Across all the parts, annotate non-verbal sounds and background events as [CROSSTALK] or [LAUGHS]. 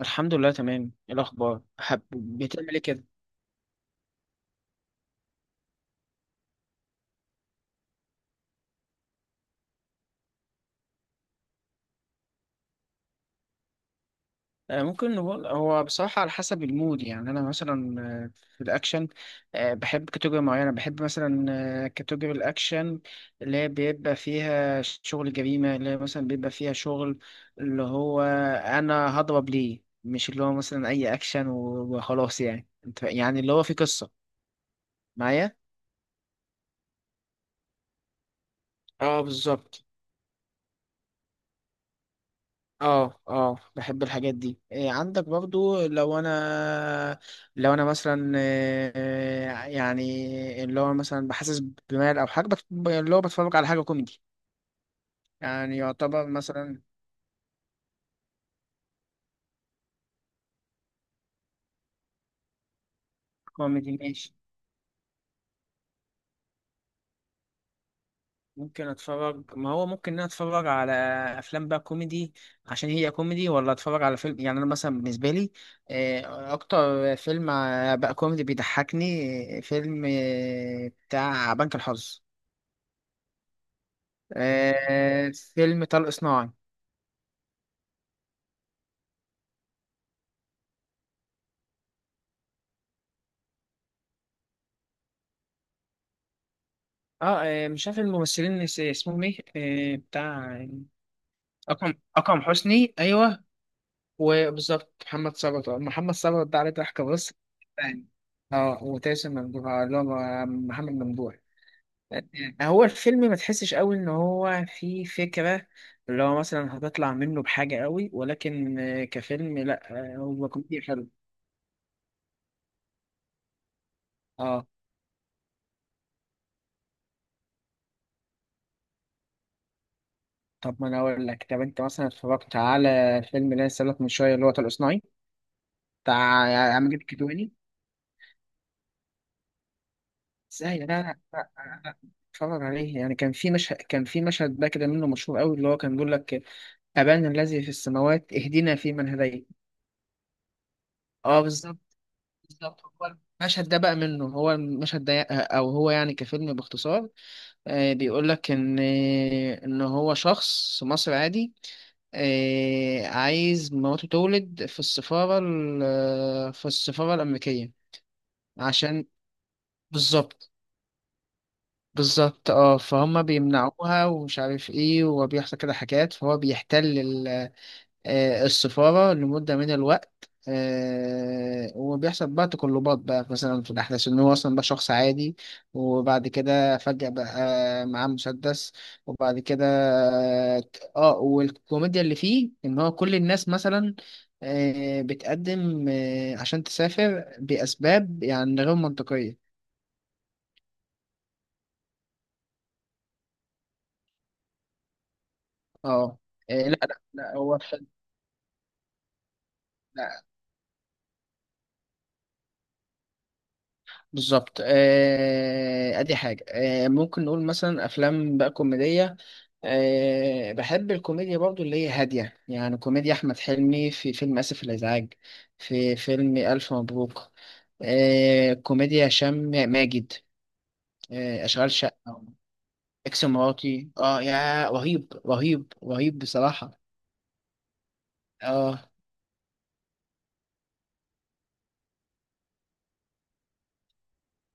الحمد لله تمام. إيه الاخبار؟ حب بتعمل ايه كده؟ ممكن نقول هو بصراحة على حسب المود. يعني أنا مثلا في الأكشن. بحب كاتيجوري معينة، بحب مثلا كاتيجوري الأكشن، اللي هي بيبقى فيها شغل جريمة، اللي هي مثلا بيبقى فيها شغل، اللي هو أنا هضرب ليه. مش اللي هو مثلا أي أكشن وخلاص. يعني يعني اللي هو في قصة معايا. اه، بالظبط. اه، اه، بحب الحاجات دي. إيه عندك برضو؟ لو انا مثلا يعني اللي هو مثلا بحسس بمال او حاجه، اللي هو بتفرج على حاجه كوميدي، يعني يعتبر مثلا. كوميدي ماشي. ممكن اتفرج، ما هو ممكن إن انا اتفرج على افلام بقى كوميدي عشان هي كوميدي، ولا اتفرج على فيلم. يعني انا مثلا بالنسبه لي اكتر فيلم بقى كوميدي بيضحكني فيلم بتاع بنك الحظ. فيلم طلق صناعي. مش عارف الممثلين اسمهم ايه؟ بتاع... اكرم حسني، ايوه. وبالظبط محمد ثروت. محمد ثروت ده عليه ضحكه، بص. يعني، اه وتاسم ممدوح، اللي هو محمد ممدوح. آه، هو الفيلم ما تحسش قوي ان هو فيه فكره اللي هو مثلا هتطلع منه بحاجه قوي، ولكن كفيلم لا، هو كوميدي حلو. اه، طب ما انا اقول لك، طب انت مثلا اتفرجت على فيلم اللي انا لسه قايل لك من شويه اللي هو طلق صناعي بتاع عمرو الكدواني؟ ازاي؟ لا، لا. لا، لا، لا. اتفرج عليه. يعني كان في مشهد، كان في مشهد بقى كده منه مشهور قوي اللي هو كان بيقول لك: ابانا الذي في السماوات، اهدنا في من هديت. اه، بالظبط. بالظبط هو المشهد ده بقى منه، هو المشهد ده، او هو يعني كفيلم باختصار بيقول لك ان هو شخص مصري عادي، عايز مراته تولد في السفارة، في السفارة الأمريكية. عشان... بالظبط. بالظبط اه، فهم بيمنعوها ومش عارف ايه، وبيحصل كده حاجات، فهو بيحتل السفارة لمدة من الوقت. وبيحصل بقى تقلبات بقى مثلا في الأحداث إن هو أصلا بقى شخص عادي، وبعد كده فجأة بقى معاه مسدس. وبعد كده، اه، والكوميديا اللي فيه إن هو كل الناس مثلا بتقدم عشان تسافر بأسباب يعني غير منطقية. اه. لا، لا، لا، هو حلو. بالظبط. ادي حاجة. ممكن نقول مثلا افلام بقى كوميدية. بحب الكوميديا برضو اللي هي هادية. يعني كوميديا احمد حلمي في فيلم اسف الازعاج، في فيلم الف مبروك، كوميديا هشام ماجد، اشغال شقة. اكس مراتي، اه يا، رهيب رهيب رهيب بصراحة. اه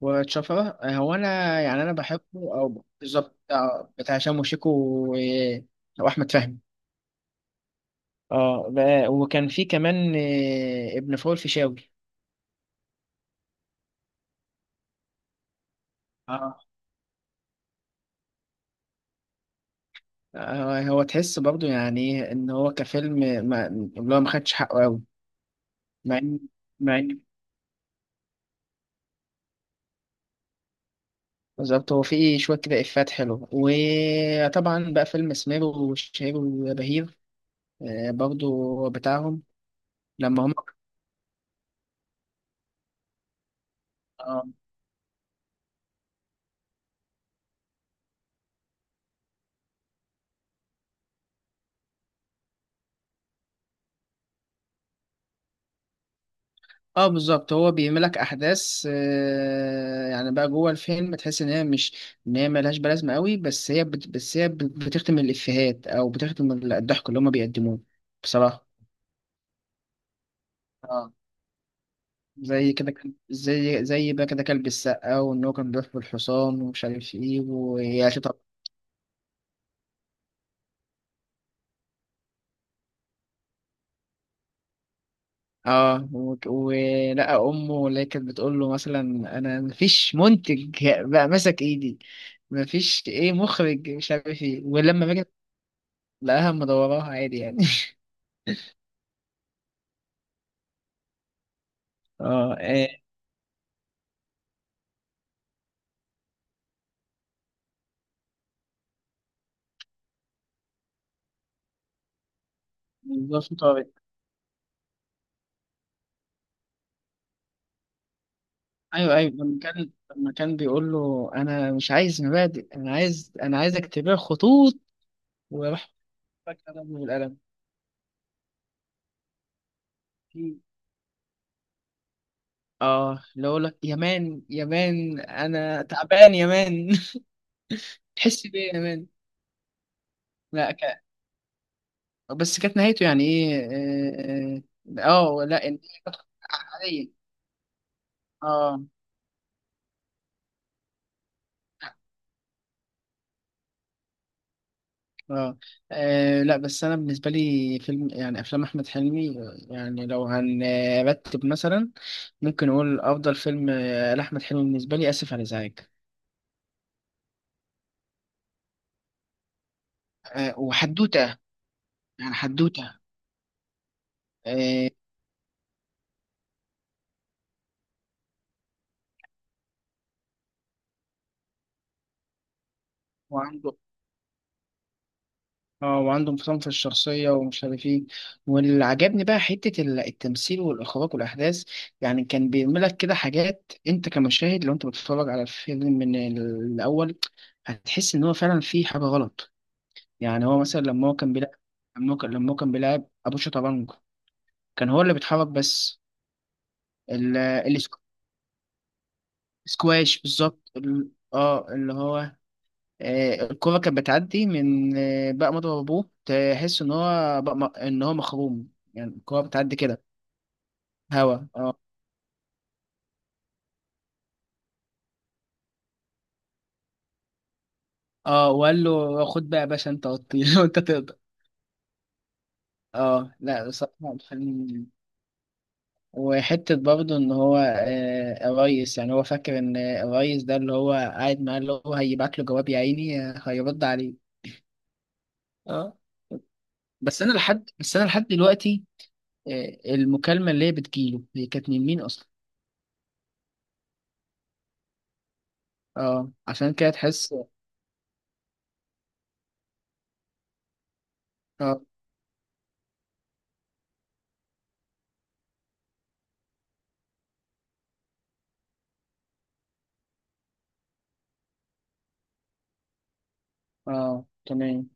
وتشفرة، هو انا يعني انا بحبه. او بالظبط بتاع هشام وشيكو و- واحمد فهمي. وكان في كمان ابن فول فيشاوي. اه. هو تحس برضو يعني إيه ان هو كفيلم، ما اللي هو ما خدش حقه قوي. مع ان مع ان بالظبط، هو فيه شويه كده افات حلوه. وطبعا بقى فيلم سمير وشهير وبهير برضو بتاعهم. لما هم، اه بالظبط. هو بيعملك احداث يعني بقى جوه الفيلم تحس ان هي مش، ان هي ملهاش بلازمه قوي، بس هي بس هي بتختم الافيهات، او بتختم الضحك اللي هما بيقدموه. بصراحه. اه. زي بقى كده كلب السقا، وان هو كان بيحب الحصان ومش عارف ايه، ويا شطب. اه ولقى امه اللي هي كانت بتقول له مثلا: انا مفيش منتج بقى ماسك ايدي، مفيش ايه مخرج، مش عارف ايه. ولما باجي لقاها مدوراها عادي يعني. [LAUGHS] اه، بالظبط، طارق. ايوه، ايوه، لما كان بيقول له: انا مش عايز مبادئ، انا عايز، انا عايز اكتبها خطوط. وراح فجأة ضربه بالقلم. في- اه، اللي هو، لك يا مان، يا مان انا تعبان يا مان. [LAUGHS] تحس بيه يا مان. لا ك... بس كانت نهايته يعني ايه؟ لا إن- عادية. اه اه لا، بس انا بالنسبه لي فيلم، يعني افلام احمد حلمي يعني لو هنرتب مثلا، ممكن اقول افضل فيلم لاحمد حلمي بالنسبه لي اسف على الازعاج. وحدوته، يعني حدوته. آه، وعنده اه وعنده انفصام في الشخصيه ومش عارف ايه. واللي عجبني بقى حته التمثيل والاخراج والاحداث. يعني كان بيعمل لك كده حاجات، انت كمشاهد لو انت بتتفرج على الفيلم من الاول هتحس ان هو فعلا في حاجه غلط. يعني هو مثلا لما هو كان بيلعب، لما هو كان بيلعب ابو شطرنج، كان هو اللي بيتحرك بس. ال- السك- السكواش بالظبط. اللي هو الكرة كانت بتعدي من بقى مضرب ابوه، تحس ان هو بقى ان هو مخروم يعني، الكرة بتعدي كده. هوا اه. اه وقال له: خد بقى يا باشا، انت وطي، [LAUGHS] وانت تقدر. اه. لا بصراحة الفيلم... وحتة برضه إن هو الريس، يعني هو فاكر إن الريس ده اللي هو قاعد معاه اللي هو هيبعت له جواب يا عيني، هيرد عليه. اه. بس أنا لحد دلوقتي، المكالمة اللي هي بتجيله هي كانت من مين أصلا؟ أه، عشان كده تحس. أه، أه، تمام.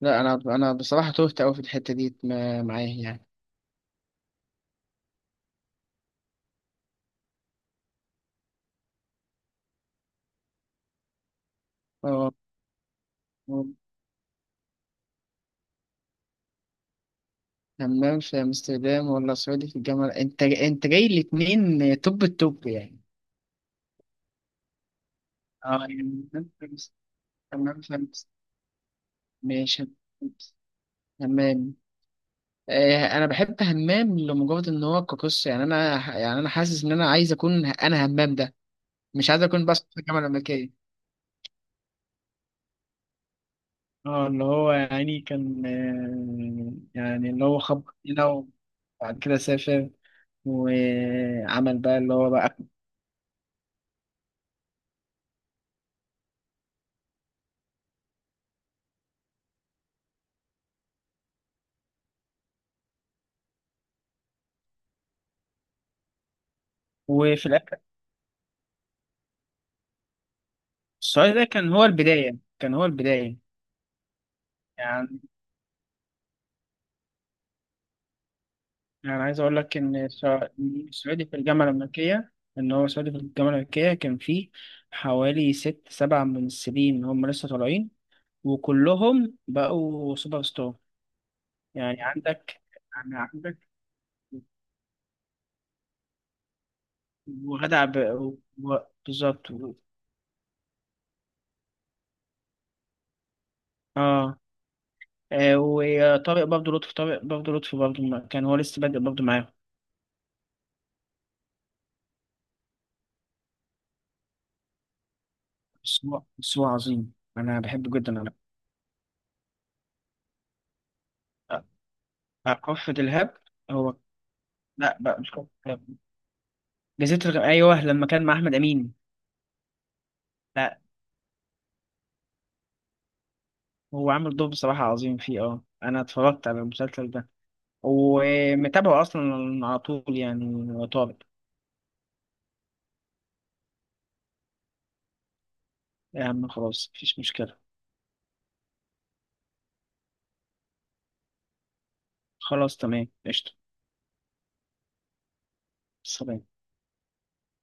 لا، أنا بصراحة تهت أوي في الحتة دي معاه يعني. أه. آه. همام في أمستردام ولا سعودي في الجامعة؟ أنت جاي الاتنين توب التوب يعني. اه يعني، همام في أمس- همام في أمستردام. ماشي. همام. انا بحب همام لمجرد ان هو كقصه. يعني انا حاسس ان انا عايز اكون انا همام ده، مش عايز اكون بس في الجامعه الامريكيه. اه، اللي هو يعني كان يعني اللي هو خب هنا، وبعد كده سافر، وعمل بقى اللي هو بقى. وفي الآخر، السؤال ده كان هو البداية. يعني يعني عايز أقول لك إن السعودي في الجامعة الأمريكية، إن هو سعودي في الجامعة الأمريكية كان فيه حوالي ست سبع ممثلين هم لسه طالعين، وكلهم بقوا سوبر ستار. يعني عندك يعني عندك وغادة و... بالظبط آه وطارق برضه لطفي. طارق برضه لطفي برضه ما- كان هو لسه بادئ برضه معاهم. بس هو عظيم، أنا بحبه جدا أنا. آه، كفر دلهاب. هو لا بقى مش كفر، جزيرة الغم. أيوه، لما كان مع أحمد أمين. لا، هو عامل دور بصراحة عظيم فيه. أه، أنا اتفرجت على المسلسل ده ومتابعه أصلا على طول يعني طارق. يا عم خلاص مفيش مشكلة. خلاص تمام، قشطة. سلام.